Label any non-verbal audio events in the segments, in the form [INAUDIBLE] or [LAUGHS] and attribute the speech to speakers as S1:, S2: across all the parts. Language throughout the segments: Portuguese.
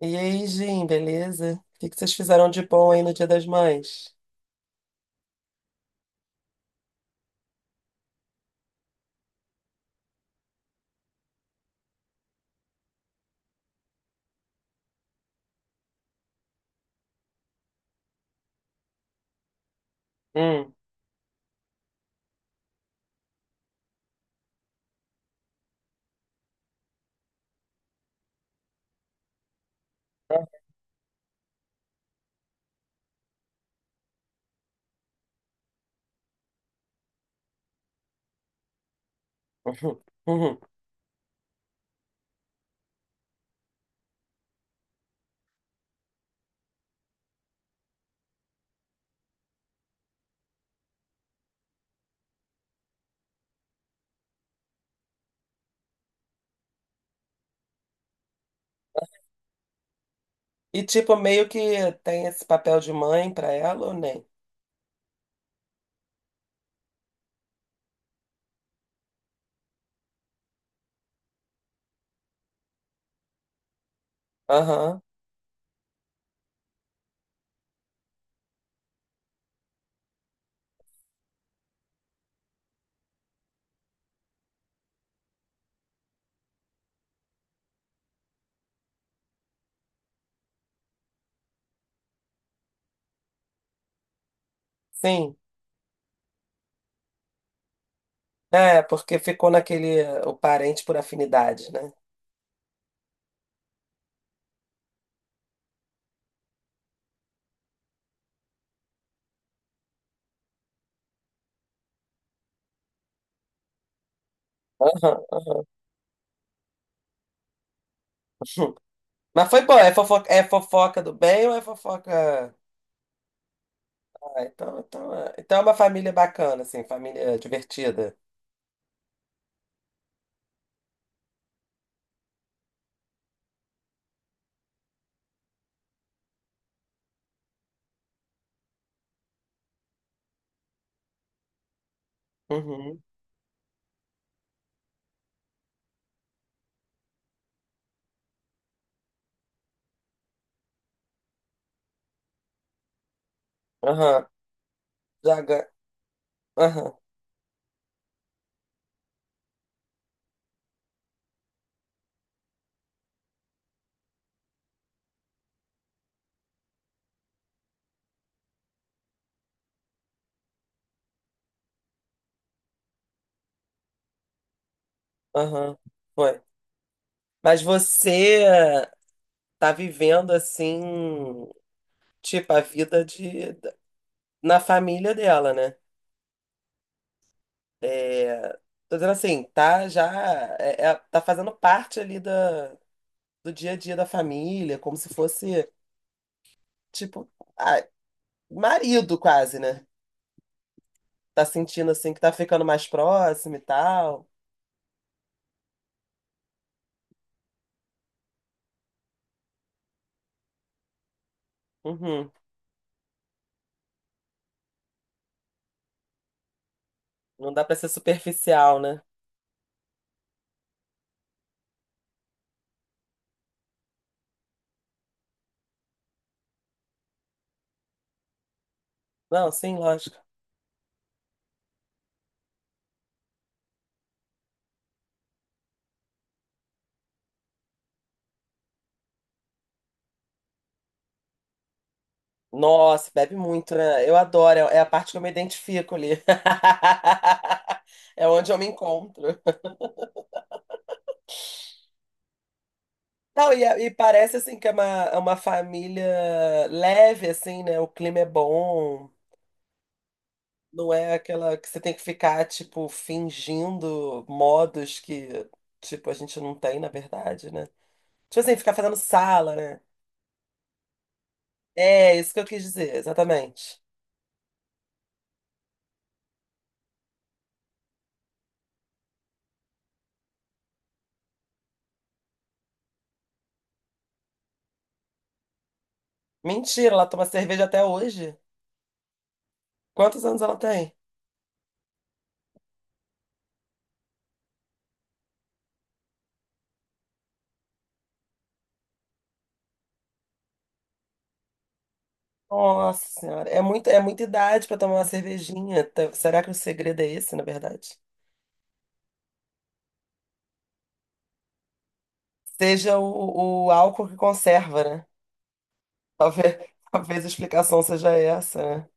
S1: E aí, Jim, beleza? O que que vocês fizeram de bom aí no Dia das Mães? Hum, [LAUGHS] ah, uhum, uhum. E tipo, meio que tem esse papel de mãe pra ela ou nem? Aham, sim. É, porque ficou naquele o parente por afinidade, né? Aham, [LAUGHS] aham. Mas foi bom, é fofoca do bem ou é fofoca. Ah, então é uma família bacana, assim, família divertida. Uhum. Aham. Já. Aham. Aham. Foi. Mas você. Tá vivendo assim, tipo, a vida de na família dela, né? É, tô dizendo assim, tá já tá fazendo parte ali da, do dia a dia da família, como se fosse, tipo, ah, marido quase, né? Tá sentindo assim que tá ficando mais próximo e tal. Uhum. Não dá pra ser superficial, né? Não, sim, lógico. Nossa, bebe muito, né? Eu adoro, é a parte que eu me identifico ali. [LAUGHS] É onde eu me encontro. Não, e parece assim que é é uma família leve, assim, né? O clima é bom, não é aquela que você tem que ficar, tipo, fingindo modos que, tipo, a gente não tem, na verdade, né? Tipo assim, ficar fazendo sala, né? É, isso que eu quis dizer, exatamente. Mentira, ela toma cerveja até hoje. Quantos anos ela tem? Nossa senhora, é muita idade para tomar uma cervejinha. Será que o segredo é esse, na verdade? Seja o álcool que conserva, né? Talvez, [LAUGHS] talvez a explicação seja essa, né?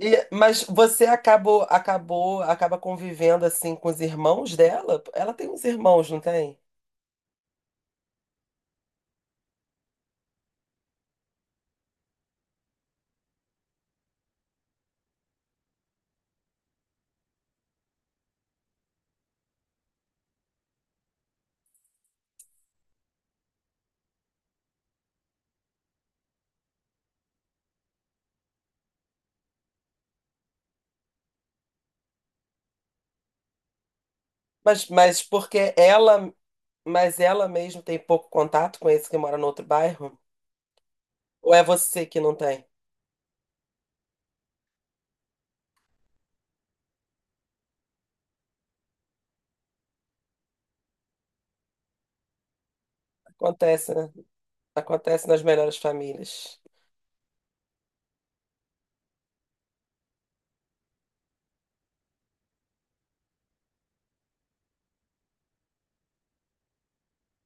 S1: E, acaba convivendo assim com os irmãos dela? Ela tem uns irmãos, não tem? Mas porque mas ela mesmo tem pouco contato com esse que mora no outro bairro? Ou é você que não tem? Acontece, né? Acontece nas melhores famílias.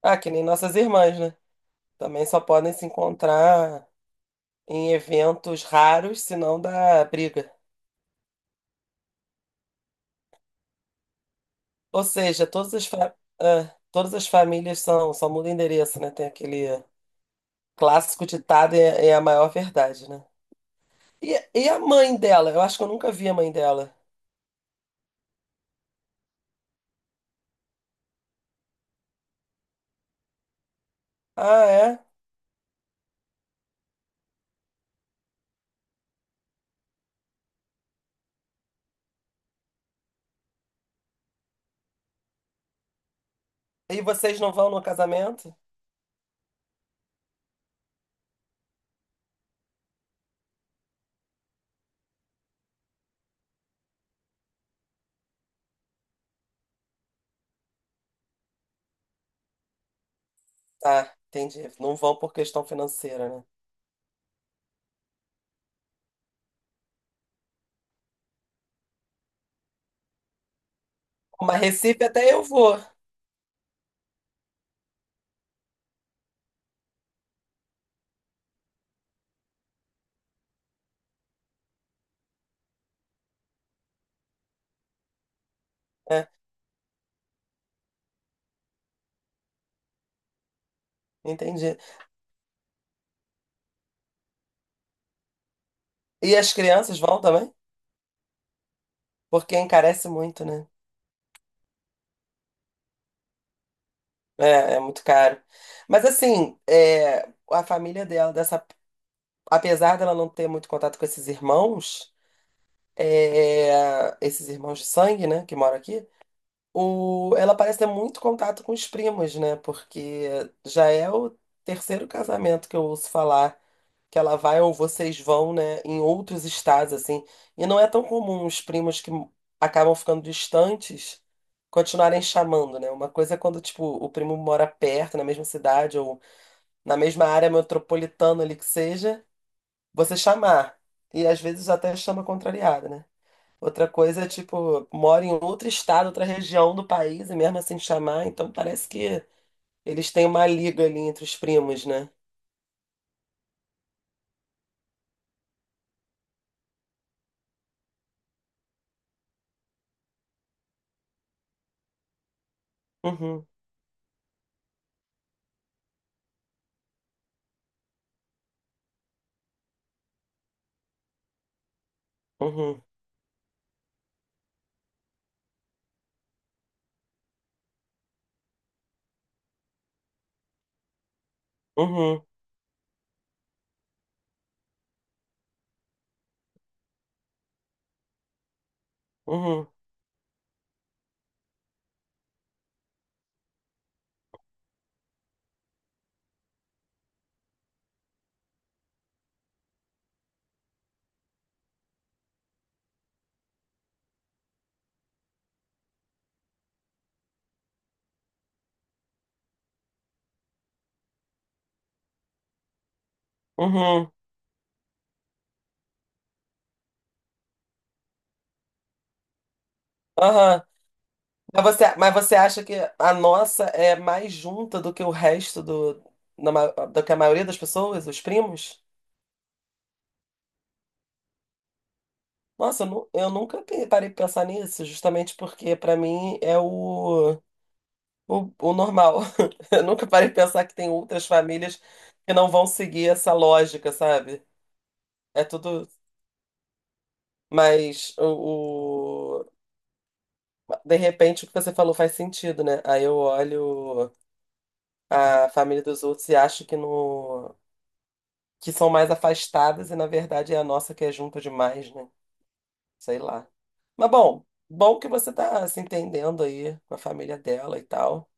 S1: Ah, que nem nossas irmãs, né? Também só podem se encontrar em eventos raros, senão dá briga. Ou seja, todas as, fa- ah, todas as famílias são, só muda o endereço, né? Tem aquele clássico ditado, é, é a maior verdade, né? E, e a mãe dela? Eu acho que eu nunca vi a mãe dela. Ah, é? E vocês não vão no casamento? Ah, entendi. Não vão por questão financeira, né? Mas Recife até eu vou. É, entendi. E as crianças vão também? Porque encarece muito, né? É, é muito caro. Mas assim, é, a família dela, dessa, apesar dela não ter muito contato com esses irmãos. É, esses irmãos de sangue, né, que moram aqui, o, ela parece ter muito contato com os primos, né, porque já é o terceiro casamento que eu ouço falar que ela vai ou vocês vão, né, em outros estados, assim, e não é tão comum os primos que acabam ficando distantes continuarem chamando, né, uma coisa é quando, tipo, o primo mora perto, na mesma cidade ou na mesma área metropolitana ali que seja, você chamar, e às vezes até chama contrariada, né? Outra coisa é, tipo, mora em outro estado, outra região do país, e mesmo assim chamar, então parece que eles têm uma liga ali entre os primos, né? Uhum, uhum, uhum, uhum, uhum, aham. Mas você acha que a nossa é mais junta do que o resto do, na ma- do que a maioria das pessoas, os primos? Nossa, eu, nu- eu nunca pe- Parei pra pensar nisso, justamente porque pra mim é o normal. [LAUGHS] Eu nunca parei de pensar que tem outras famílias que não vão seguir essa lógica, sabe? É tudo. Mas o, o- de repente o que você falou faz sentido, né? Aí eu olho a família dos outros e acho que no que são mais afastadas e na verdade é a nossa que é junta demais, né? Sei lá. Mas bom, bom que você tá se entendendo aí com a família dela e tal.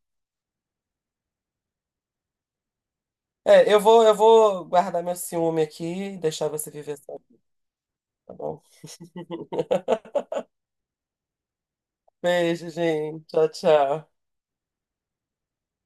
S1: É, eu vou guardar meu ciúme aqui e deixar você viver só, tá bom? Beijo, gente. Tchau, tchau.